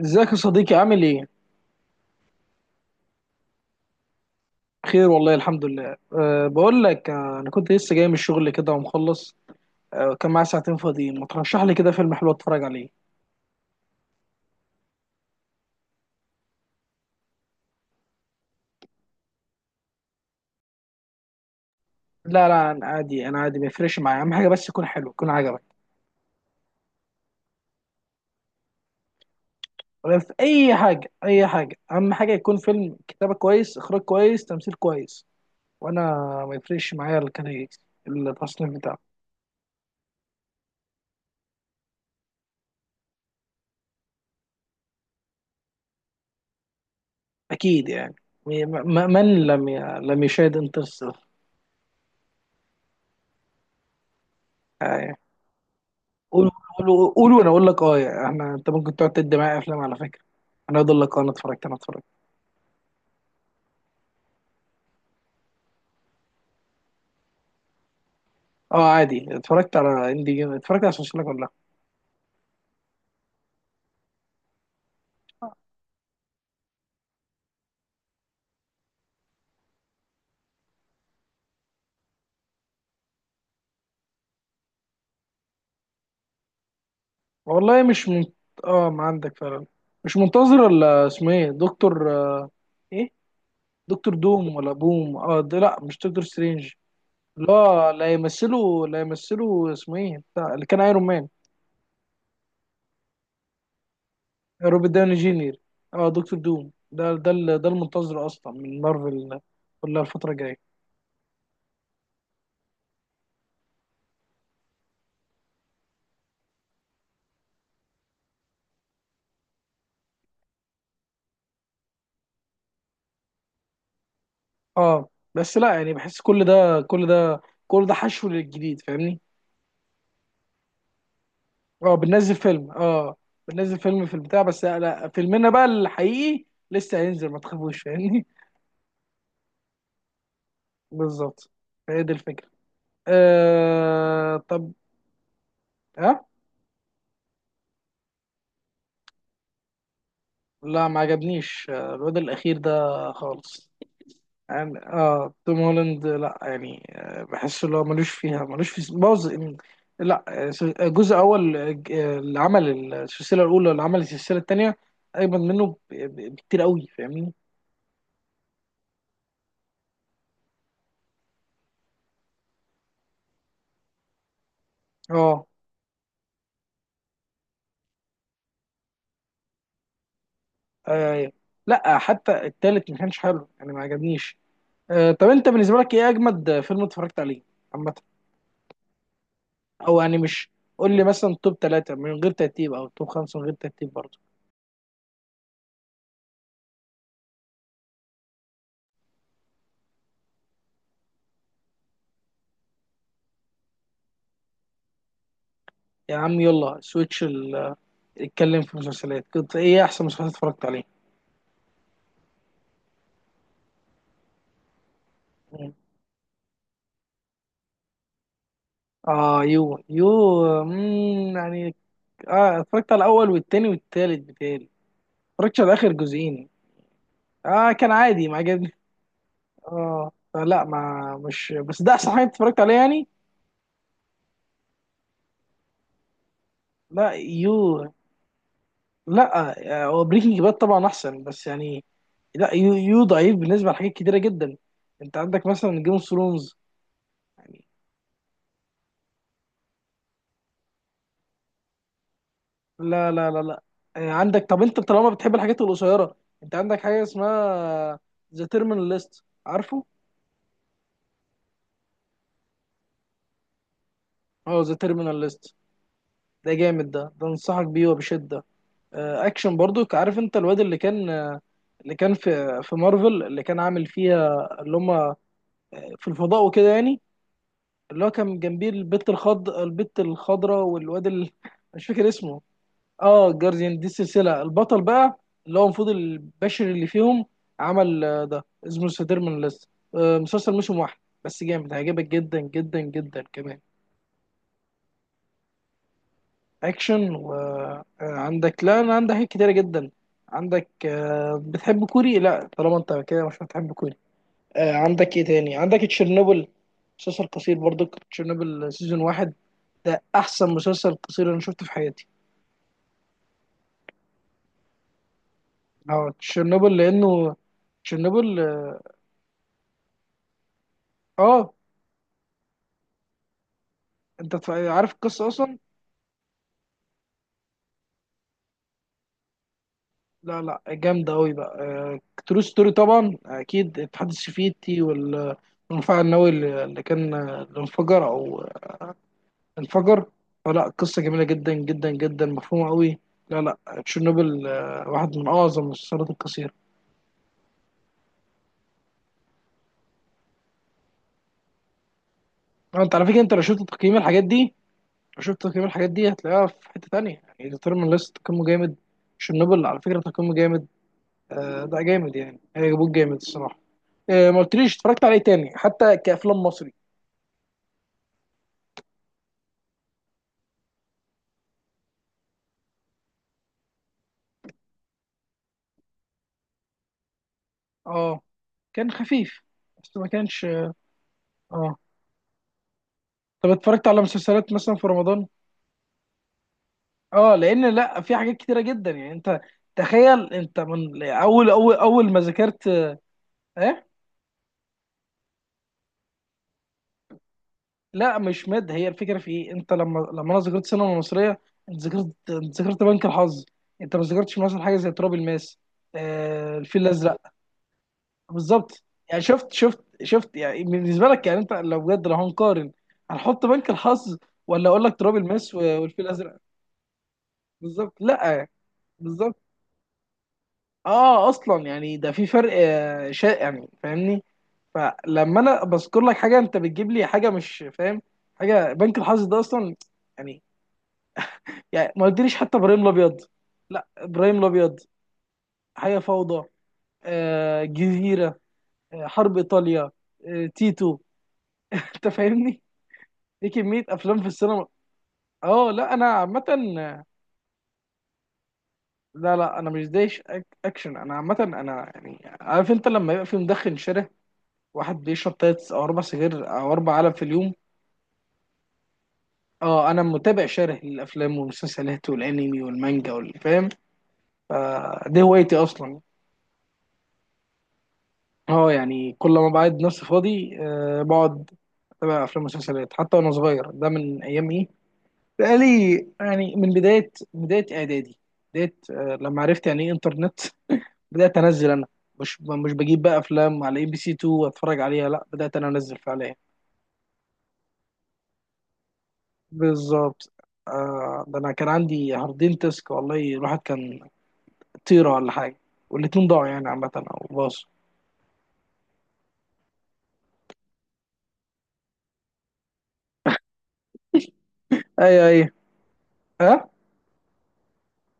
ازيك يا صديقي عامل ايه؟ بخير والله الحمد لله أه بقول لك انا كنت لسه جاي من الشغل كده ومخلص أه كان معايا ساعتين فاضيين ما ترشح لي كده فيلم حلو اتفرج عليه. لا انا عادي، ما يفرقش معايا، اهم حاجه بس يكون حلو يكون عجبك، ولا في اي حاجه. اي حاجه اهم حاجه يكون فيلم كتابه كويس، اخراج كويس، تمثيل كويس، وانا ما يفرقش معايا الكاتيجوري، التصنيف بتاعه. اكيد يعني م- من لم يشاهد انترستيلر. قول قول وانا اقول لك، اه يعني احنا، انت ممكن تقعد تدي معايا افلام على فكره. انا اقول لك اه، انا اتفرجت، انا اتفرجت. اه عادي، اتفرجت على اندي جيم، اتفرجت على سلسله كلها. والله مش منت... اه ما عندك فعلا، مش منتظر. ولا اسمه ايه، دكتور ايه، دكتور دوم ولا بوم؟ اه ده، لا مش دكتور سترينج. لا لا يمثله، اسمه ايه بتاع اللي كان ايرون مان. روبرت داوني جينير. اه دكتور دوم ده، ده المنتظر اصلا من مارفل كلها الفتره الجايه. اه بس لا يعني، بحس كل ده حشو للجديد، فاهمني. اه بننزل فيلم، اه بننزل فيلم في البتاع، بس لا، فيلمنا بقى الحقيقي لسه هينزل، ما تخافوش فاهمني. بالظبط، هي دي الفكرة. آه طب، ها، لا ما عجبنيش الواد الأخير ده خالص. يعني اه توم هولاند، لا يعني بحس اللي هو ملوش فيها، ملوش في بوظ. لا جزء اول، اللي عمل السلسله الاولى، اللي عمل السلسله الثانيه اجمد منه بكتير قوي، فاهمني. اه، آه، لا حتى الثالث ما كانش حلو يعني، ما عجبنيش. طب انت بالنسبه لك ايه اجمد فيلم اتفرجت عليه عامه؟ او يعني مش قول لي مثلا توب ثلاثه من غير ترتيب، او توب خمسه من غير ترتيب برضه. يا عم يلا سويتش اتكلم في مسلسلات، كنت ايه احسن مسلسلات اتفرجت عليها؟ مين؟ اه يو، يو، مم يعني. اه اتفرجت على الاول والتاني والتالت، بتالي اتفرجتش على اخر جزئين. اه كان عادي، ما عجبني. اه فلا ما مش، بس ده احسن حاجه اتفرجت عليها يعني. لا يو. لا هو بريكنج باد طبعا احسن، بس يعني لا، يو ضعيف بالنسبه لحاجات كتيره جدا. انت عندك مثلا جيم اوف ثرونز يعني. لا. عندك، طب انت طالما بتحب الحاجات القصيره، انت عندك حاجه اسمها ذا تيرمينال ليست، عارفه؟ اه ذا تيرمينال ليست، ده جامد ده، انصحك بيه وبشده. اكشن برضو. عارف انت الواد اللي كان اللي كان في مارفل، اللي كان عامل فيها اللي هم في الفضاء وكده يعني، اللي هو كان جنبيه البت الخضراء والواد مش فاكر اسمه. اه جارديان، دي السلسله البطل بقى، اللي هو المفروض البشري اللي فيهم عمل ده اسمه ذا تيرمينال ليست، مسلسل موسم واحد بس جامد، هيعجبك جدا جدا جدا كمان. اكشن، وعندك، لا انا عندي حاجات كتيره جدا. عندك بتحب كوري؟ لا طالما انت كده مش هتحب كوري. عندك ايه تاني، عندك تشيرنوبل، مسلسل قصير برضو، تشيرنوبل سيزون واحد، ده احسن مسلسل قصير انا شفته في حياتي. اه تشيرنوبل، لانه تشيرنوبل اه، آه، انت عارف القصه اصلا؟ لا جامده قوي بقى، ترو ستوري طبعا اكيد، الاتحاد السوفيتي والمفاعل النووي اللي كان اللي انفجر او انفجر. فلا قصة جميلة جدا جدا جدا، مفهومة قوي. لا لا، تشيرنوبل واحد من أعظم المسلسلات القصيرة. أنت على فكرة، أنت لو شفت تقييم الحاجات دي لو شفت تقييم الحاجات دي هتلاقيها في حتة تانية يعني. ديترمين ليست تقييمه جامد، تشيرنوبل على فكرة تقييمه جامد. ده جامد يعني، هي جابوه جامد الصراحة. ما قلتليش اتفرجت عليه تاني حتى كأفلام مصري؟ اه كان خفيف، بس ما كانش اه، آه. طب اتفرجت على مسلسلات مثلا في رمضان؟ اه لان، لا في حاجات كتيره جدا يعني انت، تخيل، انت من اول ما ذاكرت، ايه. لا مش مد، هي الفكره في ايه، انت لما انا ذاكرت سينما مصريه، انت ذاكرت، بنك الحظ، انت ما ذاكرتش مثلا حاجه زي تراب الماس، آه الفيل الازرق. بالظبط، يعني شفت يعني. بالنسبه لك يعني، انت لو بجد لو هنقارن، هنحط بنك الحظ ولا اقول لك تراب الماس والفيل الازرق؟ بالظبط لا، بالظبط. اه اصلا يعني ده في فرق شائع يعني، فاهمني. فلما انا بذكر لك حاجه انت بتجيب لي حاجه مش فاهم، حاجه بنك الحظ ده اصلا يعني، يعني ما قلتليش حتى ابراهيم الابيض. لا ابراهيم الابيض، حياه فوضى، آه جزيره، آه حرب ايطاليا، آه تيتو، انت فاهمني، دي كميه افلام في السينما. اه لا انا عامه، لا لا انا مش دايش اكشن، انا عامه انا يعني. عارف انت لما يبقى في مدخن شارع، واحد بيشرب تلات او اربع سجاير او اربع علب في اليوم، اه انا متابع شره للافلام والمسلسلات والانمي والمانجا والفام، فدي هوايتي اصلا. اه يعني كل ما بعد نفسي فاضي آه بقعد اتابع افلام ومسلسلات. حتى وانا صغير ده، من ايام ايه، بقالي يعني من بدايه اعدادي، بدايه آه لما عرفت يعني ايه انترنت، بدات انزل انا. مش بجيب بقى افلام على اي بي سي 2 واتفرج عليها، لا بدات انا انزل فعليا. بالظبط، آه ده انا كان عندي هاردين تسك والله، الواحد كان طيره ولا حاجه، والاتنين ضاعوا يعني عامه او باصوا. ايوه ايوه، ها،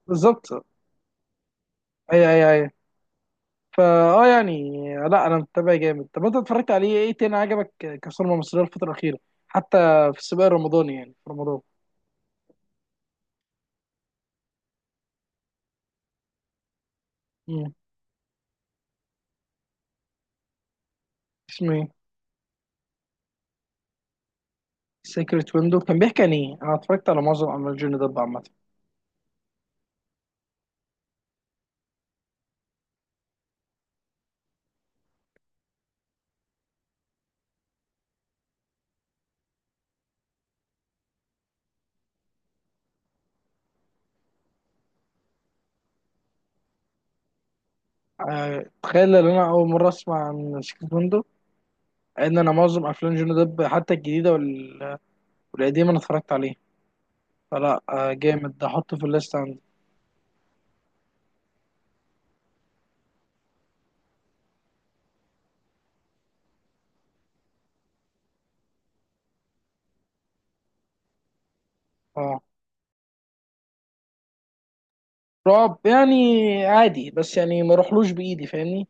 بالظبط، ايوه ايوه ايوه. فا اه يعني، لا انا متابع جامد. طب انت اتفرجت عليه ايه تاني عجبك كصورة مصرية الفترة الأخيرة، حتى في السباق الرمضاني يعني في رمضان؟ مم. اسمه ايه؟ سيكريت ويندو، كان بيحكي عن ايه؟ انا اتفرجت على معظم اعمال جوني ديب عامة. تخيل ان انا اول مرة اسمع عن سيكريت ويندو، ان انا معظم افلام جوني ديب حتى الجديدة والقديم انا اتفرجت عليه. فلا جامد ده، احطه في الليست عندي. اه رعب يعني عادي، بس يعني ما روحلوش بايدي فاهمني،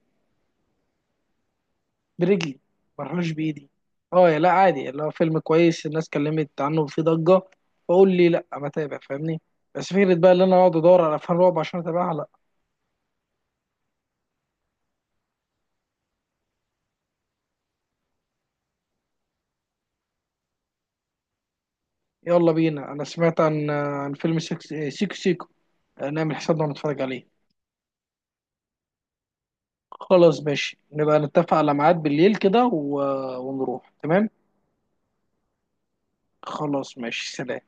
برجلي. ما روحلوش بايدي. اه يا لا عادي، اللي هو فيلم كويس الناس اتكلمت عنه وفيه ضجة، بقول لي لا بتابع فاهمني. بس فكرة بقى اللي انا اقعد ادور على افلام رعب عشان اتابعها، لا. يلا بينا، انا سمعت عن فيلم سيكو، سيكو، سيكو. نعمل حسابنا ونتفرج عليه. خلاص ماشي، نبقى نتفق على ميعاد بالليل كده ونروح، تمام. خلاص ماشي، سلام.